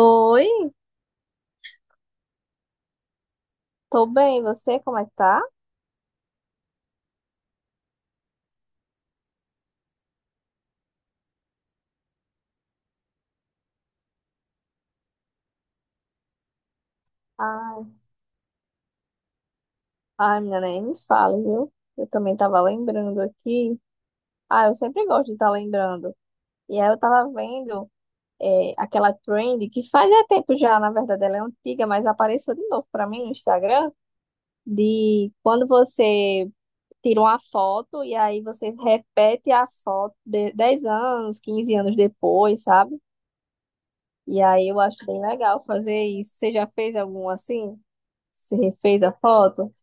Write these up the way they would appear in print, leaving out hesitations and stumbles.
Oi, tô bem, e você como é que tá? Ai, ai, menina, nem me fala, viu? Eu também tava lembrando aqui. Ah, eu sempre gosto de estar lembrando. E aí eu tava vendo aquela trend que faz é tempo já, na verdade, ela é antiga, mas apareceu de novo pra mim no Instagram, de quando você tira uma foto e aí você repete a foto de 10 anos, 15 anos depois, sabe? E aí eu acho bem legal fazer isso. Você já fez algum assim? Você refez a foto?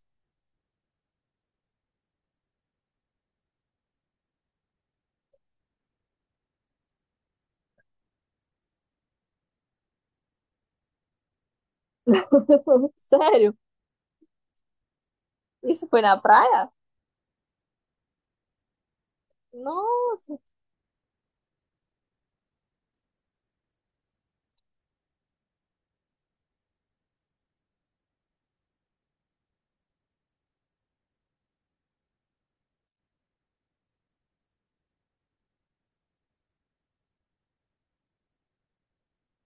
Sério? Isso foi na praia? Nossa,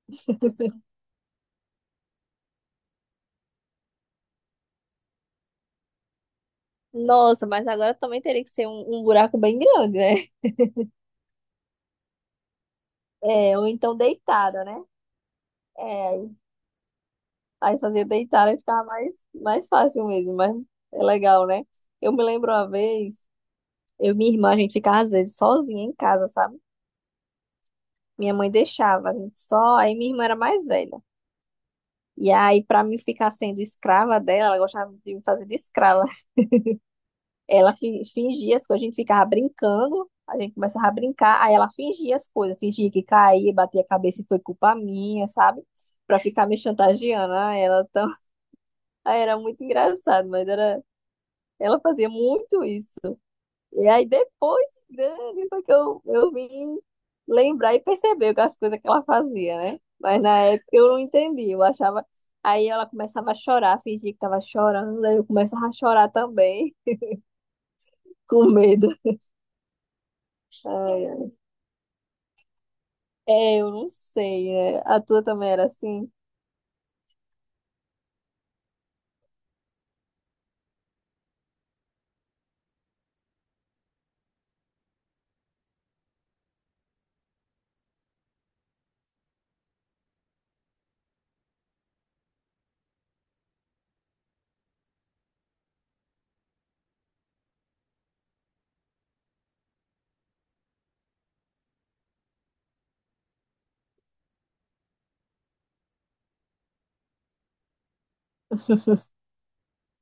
nossa, mas agora também teria que ser um buraco bem grande, né? É, ou então deitada, né? É, aí fazer deitada ficava mais fácil mesmo, mas é legal, né? Eu me lembro uma vez, eu e minha irmã, a gente ficava às vezes sozinha em casa, sabe? Minha mãe deixava, a gente só, aí minha irmã era mais velha. E aí, pra mim ficar sendo escrava dela, ela gostava de me fazer de escrava. Ela fingia as coisas, a gente ficava brincando, a gente começava a brincar, aí ela fingia as coisas, fingia que caía, batia a cabeça e foi culpa minha, sabe? Pra ficar me chantageando. Ah, ela tão. Aí era muito engraçado, mas era. Ela fazia muito isso. E aí depois, de grande, foi que eu vim lembrar e perceber as coisas que ela fazia, né? Mas na época eu não entendi, eu achava. Aí ela começava a chorar, fingia que tava chorando, aí eu começava a chorar também, com medo. Ai, é, eu não sei, né? A tua também era assim,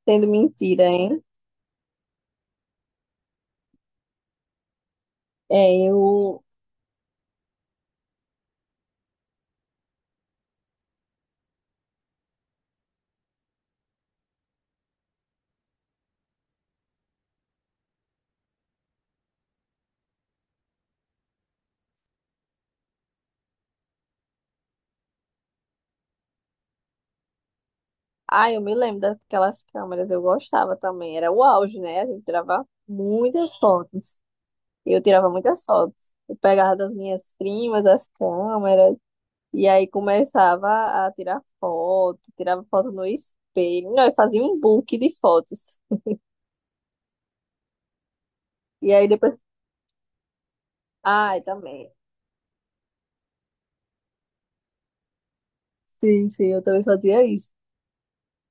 sendo mentira, hein? É, eu. Ah, eu me lembro daquelas câmeras, eu gostava também. Era o auge, né? A gente tirava muitas fotos. Eu tirava muitas fotos. Eu pegava das minhas primas as câmeras, e aí começava a tirar foto, tirava foto no espelho. Não, eu fazia um book de fotos. E aí depois. Ah, eu também. Sim, sim, eu também fazia isso.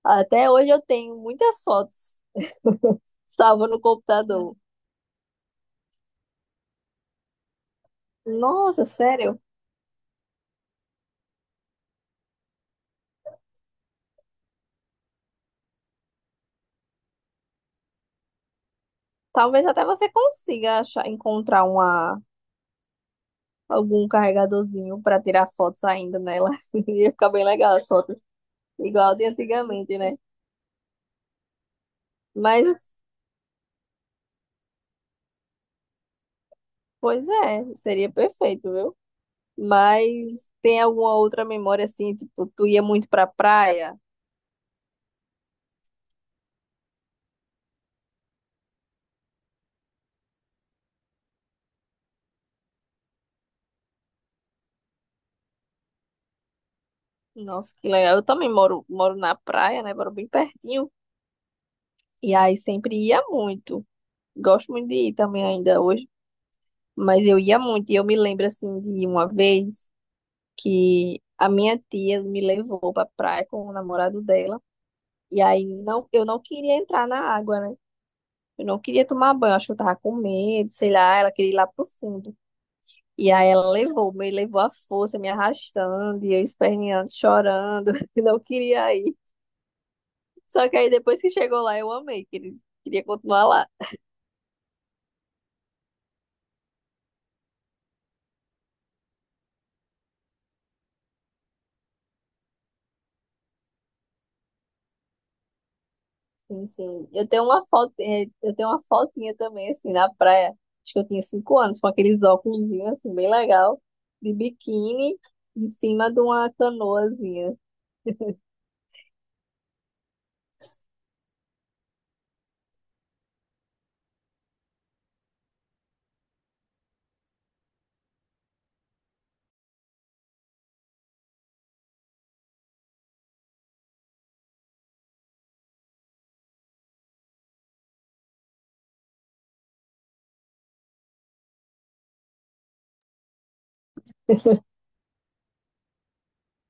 Até hoje eu tenho muitas fotos. Salva no computador. Nossa, sério? Talvez até você consiga achar, encontrar uma, algum carregadorzinho para tirar fotos ainda nela. Ia ficar bem legal as fotos, igual de antigamente, né? Mas, pois é, seria perfeito, viu? Mas tem alguma outra memória assim, tipo, tu ia muito pra praia? Nossa, que legal. Eu também moro na praia, né? Moro bem pertinho. E aí sempre ia muito. Gosto muito de ir também ainda hoje. Mas eu ia muito, e eu me lembro assim de uma vez que a minha tia me levou pra praia com o namorado dela, e aí não, eu não queria entrar na água, né? Eu não queria tomar banho, acho que eu tava com medo, sei lá, ela queria ir lá pro fundo. E aí ela levou, me levou à força, me arrastando, e eu esperneando, chorando, e não queria ir. Só que aí depois que chegou lá, eu amei, queria continuar lá. Sim, sim. Eu tenho uma foto, eh, eu tenho uma fotinha também, assim, na praia. Acho que eu tinha 5 anos, com aqueles óculos, assim, bem legal, de biquíni, em cima de uma canoazinha.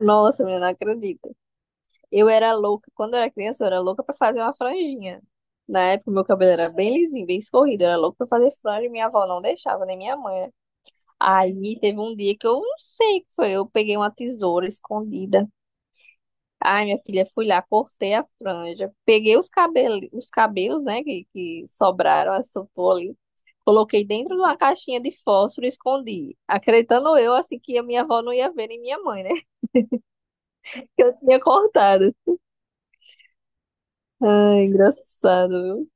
Nossa, menina, não acredito. Eu era louca, quando eu era criança, eu era louca pra fazer uma franjinha. Na época, meu cabelo era bem lisinho, bem escorrido. Eu era louca pra fazer franja e minha avó não deixava, nem minha mãe. Aí teve um dia que eu não sei o que foi. Eu peguei uma tesoura escondida. Ai, minha filha, fui lá, cortei a franja, peguei os cabelos, né, que sobraram, assoprou ali, coloquei dentro de uma caixinha de fósforo e escondi, acreditando eu, assim, que a minha avó não ia ver, nem minha mãe, né, que eu tinha cortado. Ai, engraçado, viu?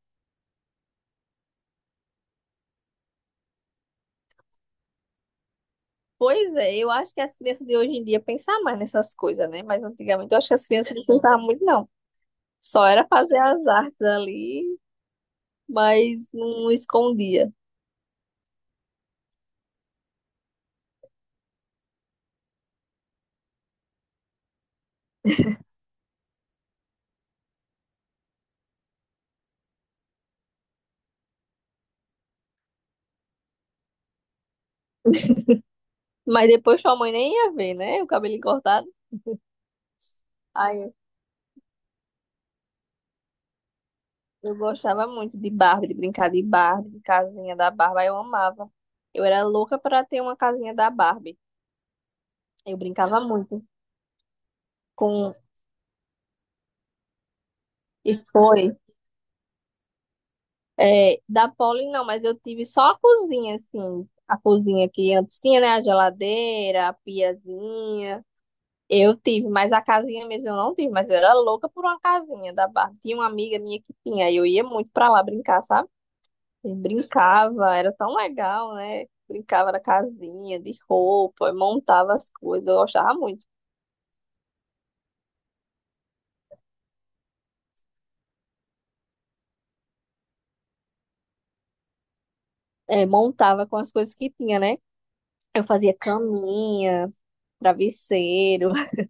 Pois é, eu acho que as crianças de hoje em dia pensam mais nessas coisas, né, mas antigamente eu acho que as crianças não pensavam muito, não. Só era fazer as artes ali, mas não escondia. Mas depois sua mãe nem ia ver, né, o cabelo cortado. Aí, eu gostava muito de Barbie, de brincar de Barbie, de casinha da Barbie, eu amava. Eu era louca para ter uma casinha da Barbie. Eu brincava muito com. E foi. É, da Polly, não, mas eu tive só a cozinha, assim. A cozinha que antes tinha, né? A geladeira, a piazinha. Eu tive, mas a casinha mesmo eu não tive, mas eu era louca por uma casinha da Barbie. Tinha uma amiga minha que tinha, e eu ia muito pra lá brincar, sabe? E brincava, era tão legal, né? Brincava na casinha, de roupa, montava as coisas, eu gostava muito. É, montava com as coisas que tinha, né? Eu fazia caminha, travesseiro,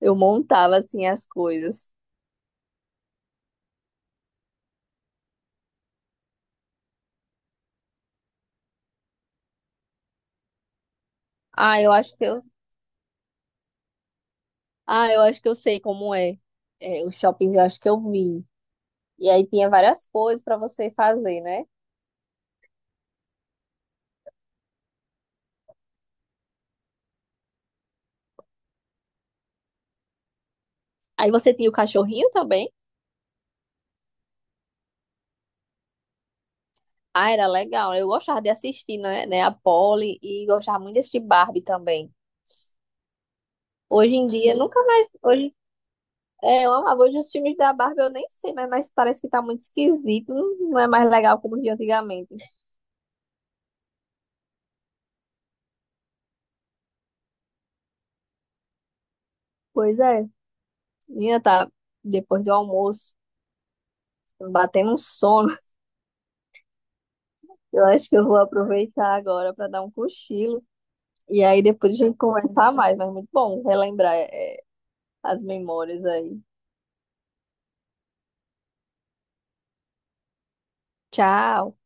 eu montava assim as coisas. Ah, eu acho que eu, ah, eu acho que eu sei como é. É, os shoppings eu acho que eu vi. E aí tinha várias coisas pra você fazer, né? Aí você tinha o cachorrinho também. Ah, era legal. Eu gostava de assistir, né, a Polly e gostava muito desse Barbie também. Hoje em dia, nunca mais. Hoje, eu amava. Hoje os filmes da Barbie eu nem sei, mas parece que tá muito esquisito. Não, não é mais legal como de antigamente. Pois é, minha tá depois do almoço, batendo um sono. Eu acho que eu vou aproveitar agora para dar um cochilo. E aí depois a gente conversar mais, mas muito bom relembrar as memórias aí. Tchau.